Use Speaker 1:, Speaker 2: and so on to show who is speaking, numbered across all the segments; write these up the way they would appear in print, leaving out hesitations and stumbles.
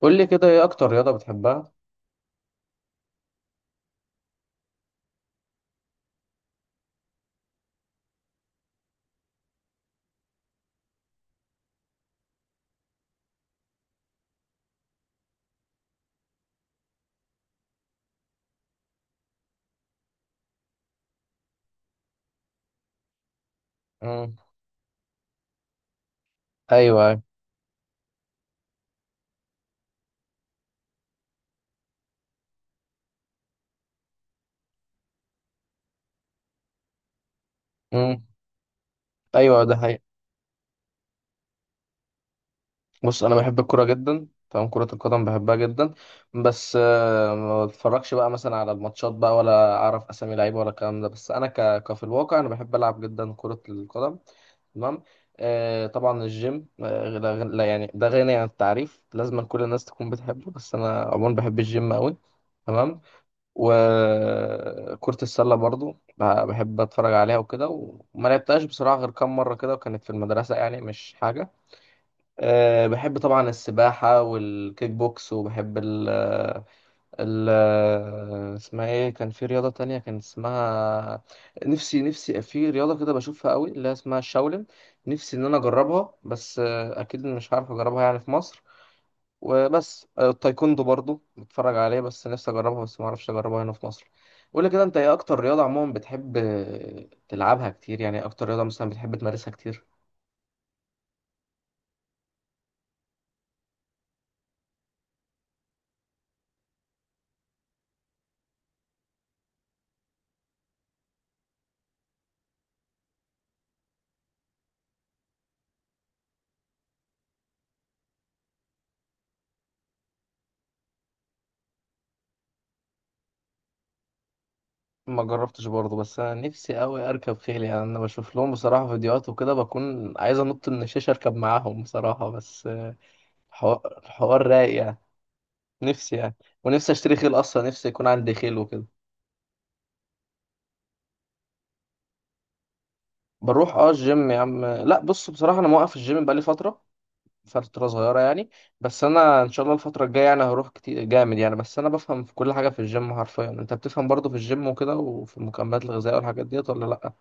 Speaker 1: قول لي كده ايه اكتر رياضة بتحبها. امم. ايوه. امم. ايوه ده حقيقي. بص انا بحب الكوره جدا، تمام، كرة القدم بحبها جدا. بس ما بتفرجش بقى مثلا على الماتشات بقى، ولا اعرف اسامي لعيبه ولا الكلام ده. بس انا كفي الواقع انا بحب العب جدا كرة القدم. تمام. آه طبعا الجيم، آه لا غن- لا يعني ده غني عن التعريف، لازم كل الناس تكون بتحبه، بس انا عموما بحب الجيم قوي. تمام. وكرة السلة برضو بحب اتفرج عليها وكده، وما لعبتهاش بصراحة غير كام مرة كده، وكانت في المدرسة، يعني مش حاجة. أه بحب طبعا السباحة والكيك بوكس، وبحب ال ال اسمها ايه، كان في رياضة تانية كان اسمها، نفسي في رياضة كده بشوفها قوي، اللي هي اسمها الشاولين. نفسي ان انا اجربها، بس اكيد مش هعرف اجربها يعني في مصر. وبس، التايكوندو برضو بتفرج عليه، بس نفسي اجربها بس ما اعرفش اجربها هنا في مصر. قول لي كده، انت ايه اكتر رياضة عموما بتحب تلعبها كتير، يعني إيه اكتر رياضة مثلا بتحب تمارسها كتير؟ ما جربتش برضو، بس انا نفسي قوي اركب خيل، يعني انا بشوف لهم بصراحة فيديوهات وكده بكون عايز انط من الشاشة اركب معاهم بصراحة، بس الحوار الحوار رايق يعني. نفسي يعني، ونفسي اشتري خيل اصلا، نفسي يكون عندي خيل وكده. بروح اه الجيم يا عم، لا بص بصراحة انا موقف الجيم بقالي فترة، فترة صغيرة يعني. بس أنا إن شاء الله الفترة الجاية يعني هروح كتير جامد يعني، بس أنا بفهم في كل حاجة في الجيم حرفيا. أنت بتفهم برضه في الجيم وكده وفي المكملات الغذائية والحاجات ديت ولا لأ؟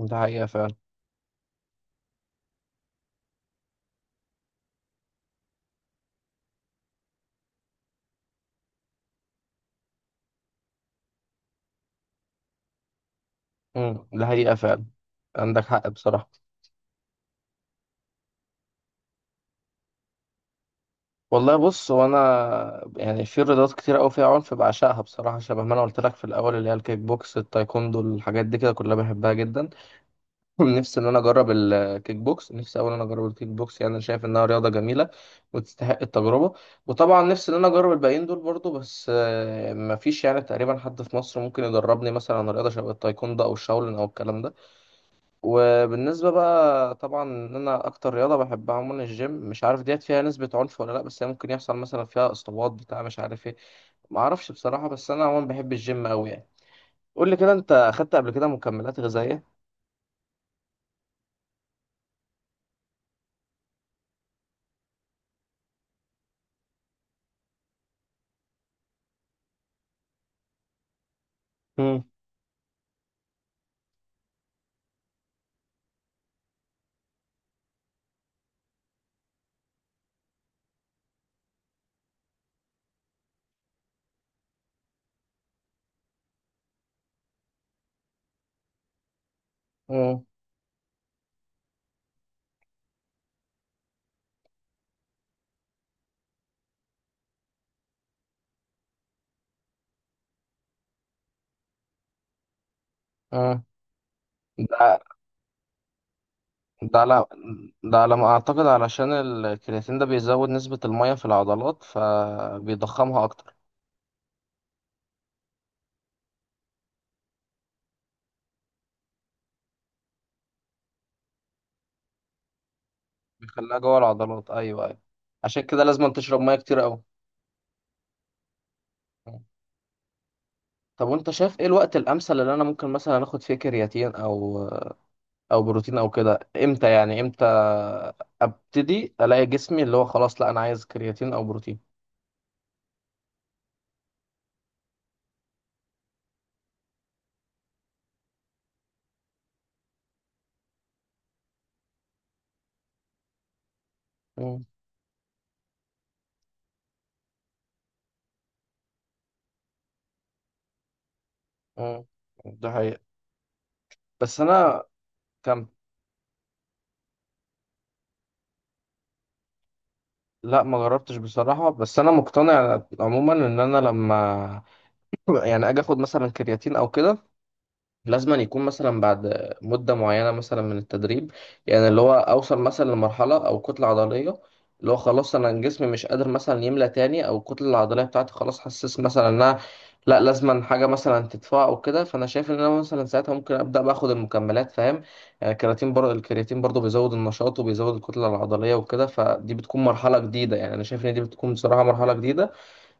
Speaker 1: ده حقيقة فعلا. امم. ده حقيقة فعلا، عندك حق بصراحة. والله بص هو أنا، يعني في رياضات كتير أوي فيها عنف بعشقها بصراحة، شبه ما أنا قلت لك في الأول، اللي هي الكيك بوكس، التايكوندو، الحاجات دي كده كلها بحبها جدا. نفسي ان انا اجرب الكيك بوكس، نفسي اولا اجرب الكيك بوكس، يعني انا شايف انها رياضه جميله وتستحق التجربه. وطبعا نفسي ان انا اجرب الباقيين دول برضو، بس مفيش يعني تقريبا حد في مصر ممكن يدربني مثلا على رياضه شبه التايكوندو او الشاولين او الكلام ده. وبالنسبه بقى طبعا ان انا اكتر رياضه بحبها عموما الجيم، مش عارف ديت فيها نسبه عنف ولا لا، بس هي ممكن يحصل مثلا فيها اصابات بتاع مش عارف ايه، ما اعرفش بصراحه، بس انا عموما بحب الجيم قوي يعني. قول لي كده، انت اخدت قبل كده مكملات غذائيه؟ امم. امم. ده. ده على، ده على ما اعتقد علشان الكرياتين ده بيزود نسبة المية في العضلات فبيضخمها اكتر. بيخليها جوه العضلات، ايوه ايوه. عشان كده لازم تشرب مية كتير قوي. طب وانت شايف ايه الوقت الامثل اللي انا ممكن مثلا اخد فيه كرياتين او او بروتين او كده، امتى يعني؟ امتى ابتدي الاقي جسمي اللي هو خلاص، لا انا عايز كرياتين او بروتين؟ مم. مم. ده حقيقة. بس انا، كم، لا ما جربتش بصراحة، بس انا مقتنع عموما ان انا لما يعني اجي اخد مثلا كرياتين او كده، لازم أن يكون مثلا بعد مده معينه مثلا من التدريب، يعني اللي هو اوصل مثلا لمرحله او كتله عضليه اللي هو خلاص انا الجسم مش قادر مثلا يملى تاني، او الكتله العضليه بتاعتي خلاص حسيت مثلا انها لا، لازم أن حاجه مثلا تدفع او كده. فانا شايف ان انا مثلا ساعتها ممكن ابدا باخد المكملات، فاهم؟ يعني الكرياتين برضه، الكرياتين برضه بيزود النشاط وبيزود الكتله العضليه وكده، فدي بتكون مرحله جديده، يعني انا شايف ان دي بتكون بصراحه مرحله جديده.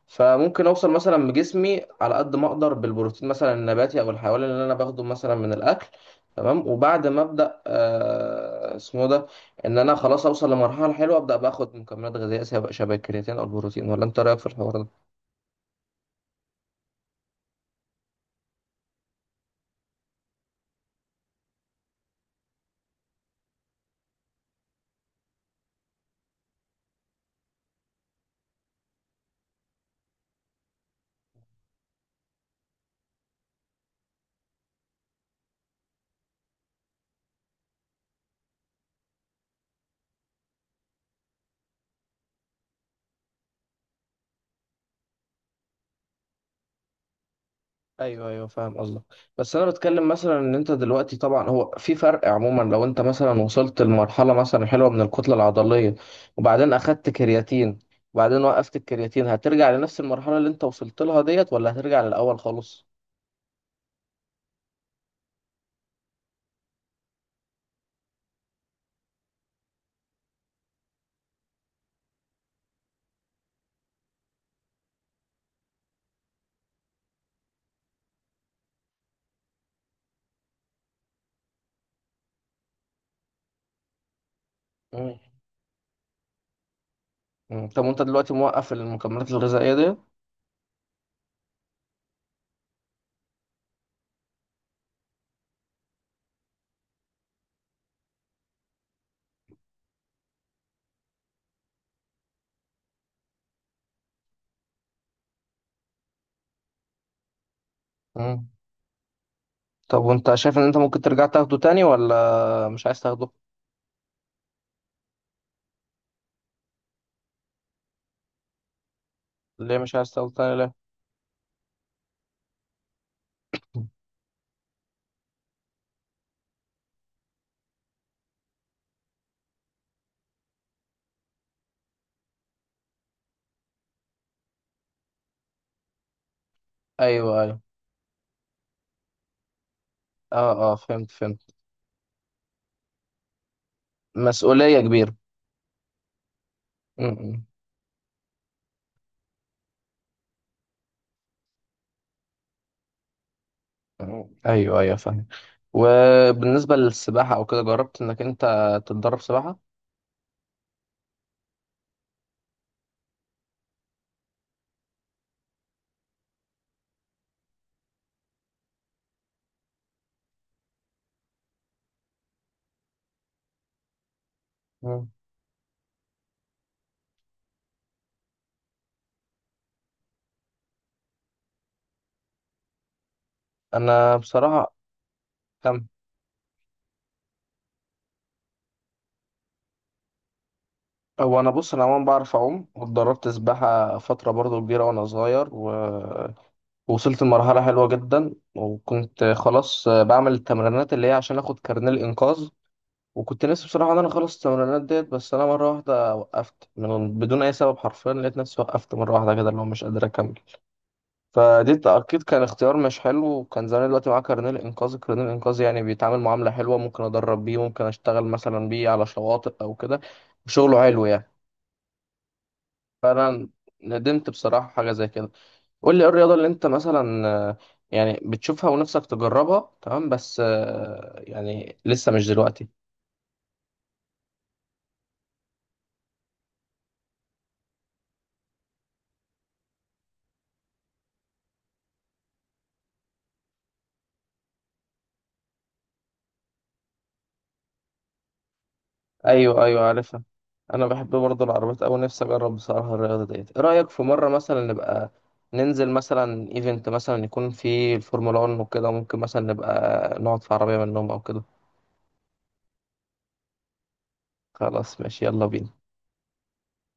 Speaker 1: فممكن اوصل مثلا بجسمي على قد ما اقدر بالبروتين مثلا النباتي او الحيواني اللي انا باخده مثلا من الاكل، تمام، وبعد ما ابدا آه اسمه ده، ان انا خلاص اوصل لمرحله حلوه ابدا باخد مكملات غذائيه سواء شبه الكرياتين او البروتين. ولا انت رايك في الحوار ده؟ ايوه ايوه فاهم قصدك. بس انا بتكلم مثلا ان انت دلوقتي طبعا هو في فرق عموما، لو انت مثلا وصلت لمرحله مثلا حلوه من الكتله العضليه، وبعدين اخدت كرياتين، وبعدين وقفت الكرياتين، هترجع لنفس المرحله اللي انت وصلت لها ديت ولا هترجع للاول خالص؟ مم. مم. طب وانت دلوقتي موقف المكملات الغذائيه ديت؟ مم. طب وانت شايف ان انت ممكن ترجع تاخده تاني ولا مش عايز تاخده؟ ليه مش عايز تاخده تاني ليه؟ ايوه ايوه. اه اه فهمت فهمت. مسؤوليه كبيره. مم. ايوه ايوه فاهم. وبالنسبه للسباحه او كده، جربت انك انت تتدرب سباحه؟ مم. انا بصراحه، كم، هو انا بص انا عموما بعرف اعوم، واتدربت سباحه فتره برضو كبيره وانا صغير ووصلت لمرحله حلوه جدا، وكنت خلاص بعمل التمرينات اللي هي عشان اخد كارنيه الانقاذ. وكنت نفسي بصراحه ان انا اخلص التمرينات ديت، بس انا مره واحده وقفت من بدون اي سبب حرفيا، لقيت نفسي وقفت مره واحده كده اللي هو مش قادر اكمل. فدي اكيد كان اختيار مش حلو، وكان زمان دلوقتي معاه كارنيه الانقاذ، الكارنيه الانقاذ يعني بيتعامل معامله حلوه، ممكن ادرب بيه، ممكن اشتغل مثلا بيه على شواطئ او كده، وشغله حلو يعني. فانا ندمت بصراحه حاجه زي كده. قول لي ايه الرياضه اللي انت مثلا يعني بتشوفها ونفسك تجربها، تمام، بس يعني لسه مش دلوقتي؟ ايوه ايوه عارفها. انا بحب برضه العربيات اوي، نفسي اجرب بصراحه الرياضه ديت. ايه رايك في مره مثلا نبقى ننزل مثلا ايفنت مثلا يكون فيه الفورمولا 1 وكده، ممكن مثلا نبقى نقعد في عربيه منهم او كده؟ خلاص ماشي، يلا بينا.